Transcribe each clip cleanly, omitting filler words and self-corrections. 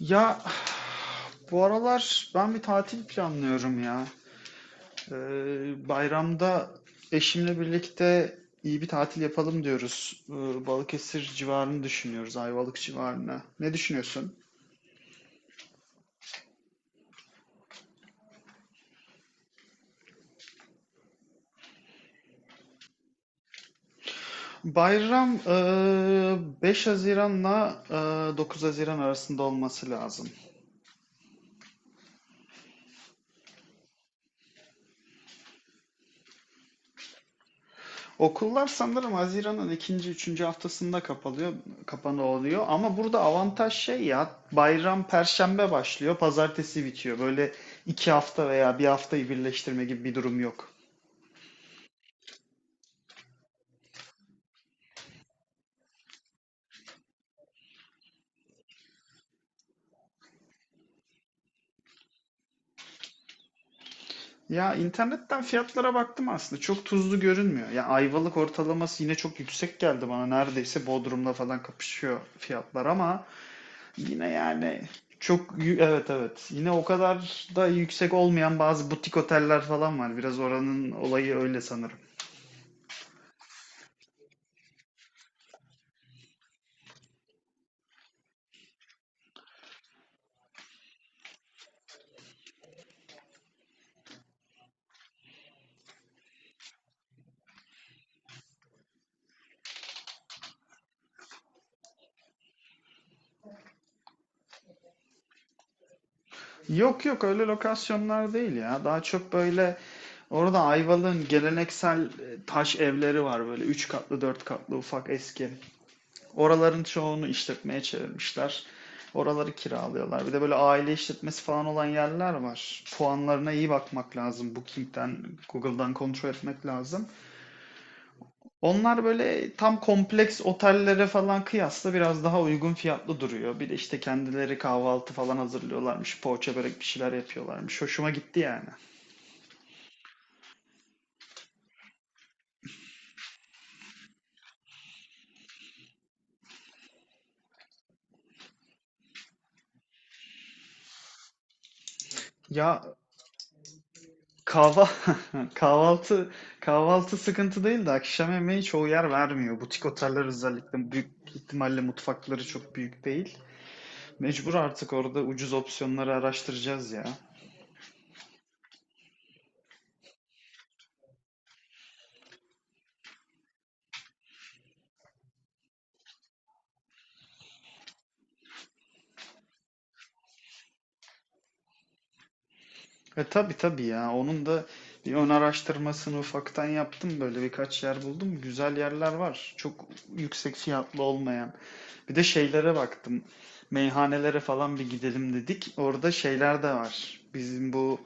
Ya bu aralar ben bir tatil planlıyorum ya. Bayramda eşimle birlikte iyi bir tatil yapalım diyoruz. Balıkesir civarını düşünüyoruz, Ayvalık civarını. Ne düşünüyorsun? Bayram 5 Haziran'la 9 Haziran arasında olması lazım. Okullar sanırım Haziran'ın ikinci, üçüncü haftasında kapalıyor, kapanıyor oluyor. Ama burada avantaj şey ya, bayram Perşembe başlıyor, Pazartesi bitiyor. Böyle iki hafta veya bir haftayı birleştirme gibi bir durum yok. Ya internetten fiyatlara baktım, aslında çok tuzlu görünmüyor. Ya Ayvalık ortalaması yine çok yüksek geldi bana. Neredeyse Bodrum'la falan kapışıyor fiyatlar ama yine yani evet evet, yine o kadar da yüksek olmayan bazı butik oteller falan var. Biraz oranın olayı öyle sanırım. Yok yok, öyle lokasyonlar değil ya. Daha çok böyle orada Ayvalık'ın geleneksel taş evleri var, böyle 3 katlı 4 katlı ufak eski. Oraların çoğunu işletmeye çevirmişler. Oraları kiralıyorlar. Bir de böyle aile işletmesi falan olan yerler var. Puanlarına iyi bakmak lazım. Booking'den, Google'dan kontrol etmek lazım. Onlar böyle tam kompleks otellere falan kıyasla biraz daha uygun fiyatlı duruyor. Bir de işte kendileri kahvaltı falan hazırlıyorlarmış. Poğaça börek bir şeyler yapıyorlarmış. Hoşuma gitti yani. Ya kahva kahvaltı kahvaltı sıkıntı değil de akşam yemeği çoğu yer vermiyor. Butik oteller özellikle, büyük ihtimalle mutfakları çok büyük değil. Mecbur artık orada ucuz opsiyonları araştıracağız ya. E tabii tabii ya. Onun da bir ön araştırmasını ufaktan yaptım. Böyle birkaç yer buldum. Güzel yerler var. Çok yüksek fiyatlı olmayan. Bir de şeylere baktım. Meyhanelere falan bir gidelim dedik. Orada şeyler de var. Bizim bu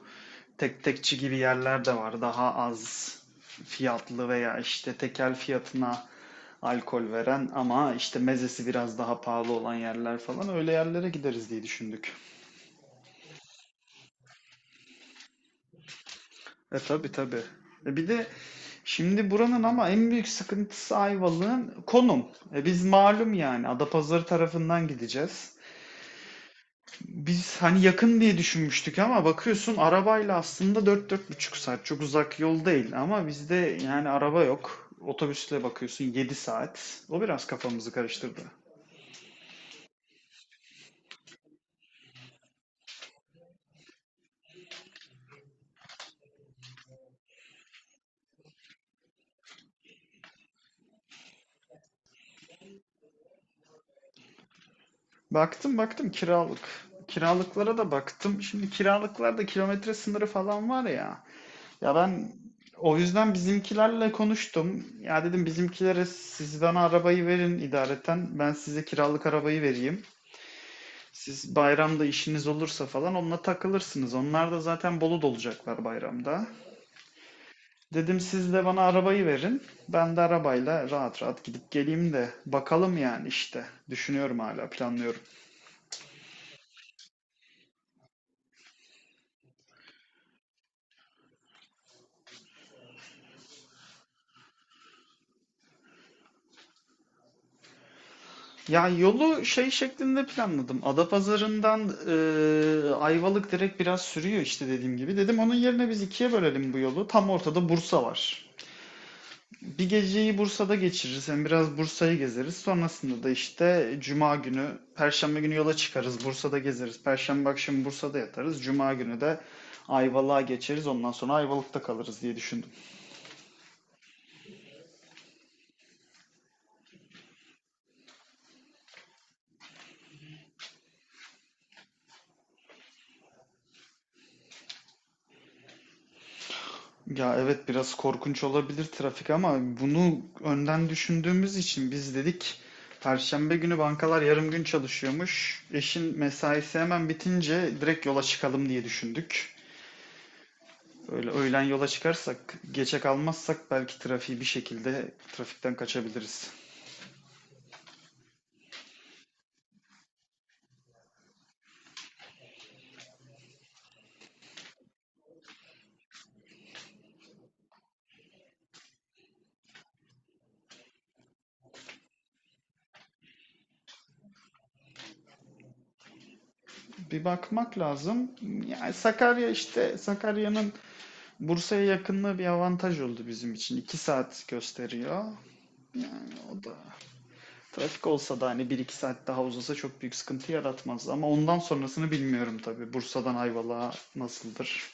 tek tekçi gibi yerler de var. Daha az fiyatlı veya işte tekel fiyatına alkol veren ama işte mezesi biraz daha pahalı olan yerler falan. Öyle yerlere gideriz diye düşündük. E tabii tabii. E bir de şimdi buranın ama en büyük sıkıntısı Ayvalık'ın konum. E biz malum yani Adapazarı tarafından gideceğiz. Biz hani yakın diye düşünmüştük ama bakıyorsun arabayla aslında 4-4,5 saat. Çok uzak yol değil ama bizde yani araba yok. Otobüsle bakıyorsun 7 saat. O biraz kafamızı karıştırdı. Baktım baktım kiralık. Kiralıklara da baktım. Şimdi kiralıklarda kilometre sınırı falan var ya. Ya ben o yüzden bizimkilerle konuştum. Ya dedim bizimkilere, siz bana arabayı verin idareten. Ben size kiralık arabayı vereyim. Siz bayramda işiniz olursa falan onunla takılırsınız. Onlar da zaten Bolu'da olacaklar bayramda. Dedim siz de bana arabayı verin. Ben de arabayla rahat rahat gidip geleyim de bakalım yani işte. Düşünüyorum, hala planlıyorum. Ya yolu şey şeklinde planladım. Adapazarı'ndan Ayvalık direkt biraz sürüyor işte dediğim gibi. Dedim onun yerine biz ikiye bölelim bu yolu. Tam ortada Bursa var. Bir geceyi Bursa'da geçiririz. Hem biraz Bursa'yı gezeriz. Sonrasında da işte Cuma günü, Perşembe günü yola çıkarız. Bursa'da gezeriz. Perşembe akşamı Bursa'da yatarız. Cuma günü de Ayvalık'a geçeriz. Ondan sonra Ayvalık'ta kalırız diye düşündüm. Ya evet, biraz korkunç olabilir trafik ama bunu önden düşündüğümüz için biz dedik Perşembe günü bankalar yarım gün çalışıyormuş. Eşin mesaisi hemen bitince direkt yola çıkalım diye düşündük. Öyle öğlen yola çıkarsak, geçe kalmazsak belki trafiği bir şekilde trafikten kaçabiliriz. Bir bakmak lazım. Yani Sakarya, işte Sakarya'nın Bursa'ya yakınlığı bir avantaj oldu bizim için. İki saat gösteriyor. O da trafik olsa da hani bir iki saat daha uzasa çok büyük sıkıntı yaratmaz. Ama ondan sonrasını bilmiyorum tabii. Bursa'dan Ayvalık'a nasıldır?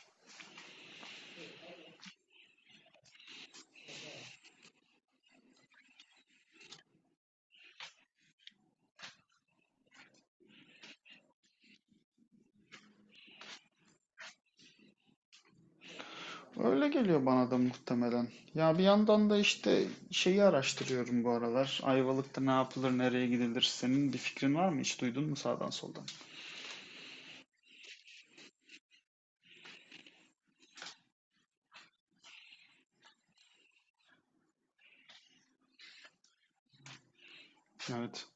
Öyle geliyor bana da muhtemelen. Ya bir yandan da işte şeyi araştırıyorum bu aralar. Ayvalık'ta ne yapılır, nereye gidilir? Senin bir fikrin var mı? Hiç duydun mu sağdan soldan? Evet.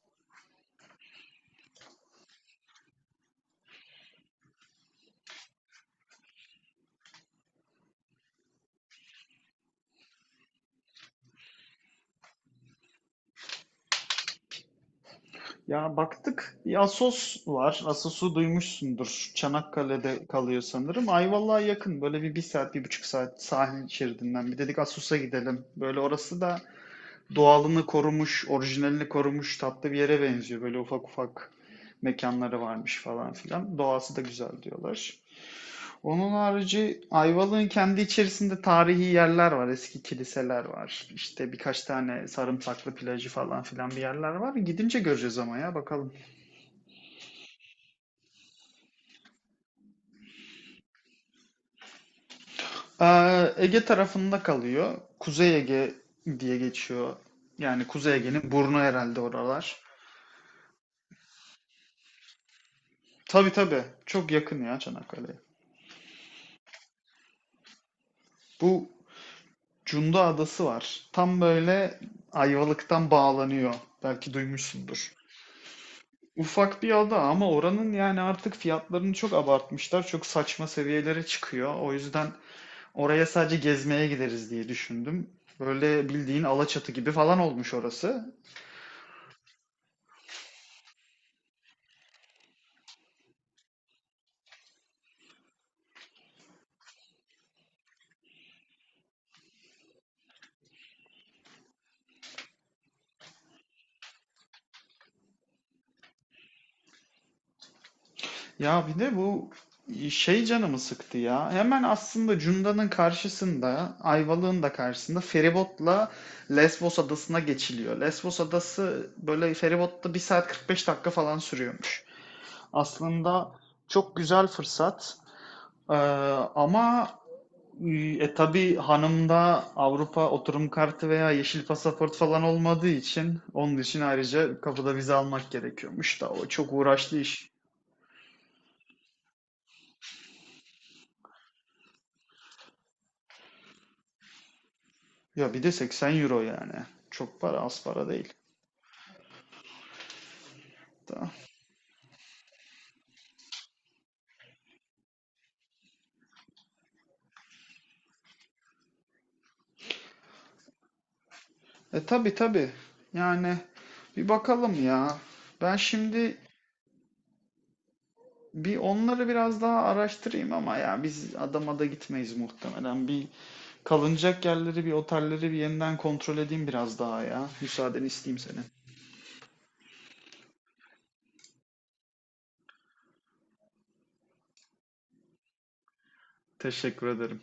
Ya baktık. Bir Assos var. Assos'u duymuşsundur. Çanakkale'de kalıyor sanırım. Ayvalık'a yakın. Böyle bir, bir saat, bir buçuk saat sahil şeridinden. Bir dedik Assos'a gidelim. Böyle orası da doğalını korumuş, orijinalini korumuş, tatlı bir yere benziyor. Böyle ufak ufak mekanları varmış falan filan. Doğası da güzel diyorlar. Onun harici Ayvalık'ın kendi içerisinde tarihi yerler var. Eski kiliseler var. İşte birkaç tane sarımsaklı plajı falan filan bir yerler var. Gidince göreceğiz ama ya bakalım. Ege tarafında kalıyor. Kuzey Ege diye geçiyor. Yani Kuzey Ege'nin burnu herhalde oralar. Tabii tabii. Çok yakın ya Çanakkale'ye. Bu Cunda Adası var. Tam böyle Ayvalık'tan bağlanıyor. Belki duymuşsundur. Ufak bir ada ama oranın yani artık fiyatlarını çok abartmışlar. Çok saçma seviyelere çıkıyor. O yüzden oraya sadece gezmeye gideriz diye düşündüm. Böyle bildiğin Alaçatı gibi falan olmuş orası. Ya bir de bu şey canımı sıktı ya. Hemen aslında Cunda'nın karşısında, Ayvalık'ın da karşısında feribotla Lesbos adasına geçiliyor. Lesbos adası böyle feribotta bir saat 45 dakika falan sürüyormuş. Aslında çok güzel fırsat. Ee, ama e, tabii hanımda Avrupa oturum kartı veya yeşil pasaport falan olmadığı için onun için ayrıca kapıda vize almak gerekiyormuş da o çok uğraşlı iş. Ya bir de 80 euro yani. Çok para, az para değil. Da- E tabi tabi. Yani bir bakalım ya. Ben şimdi bir onları biraz daha araştırayım ama ya biz adama da gitmeyiz muhtemelen. Bir kalınacak yerleri, bir otelleri bir yeniden kontrol edeyim biraz daha ya. Müsaadeni isteyeyim senin. Teşekkür ederim.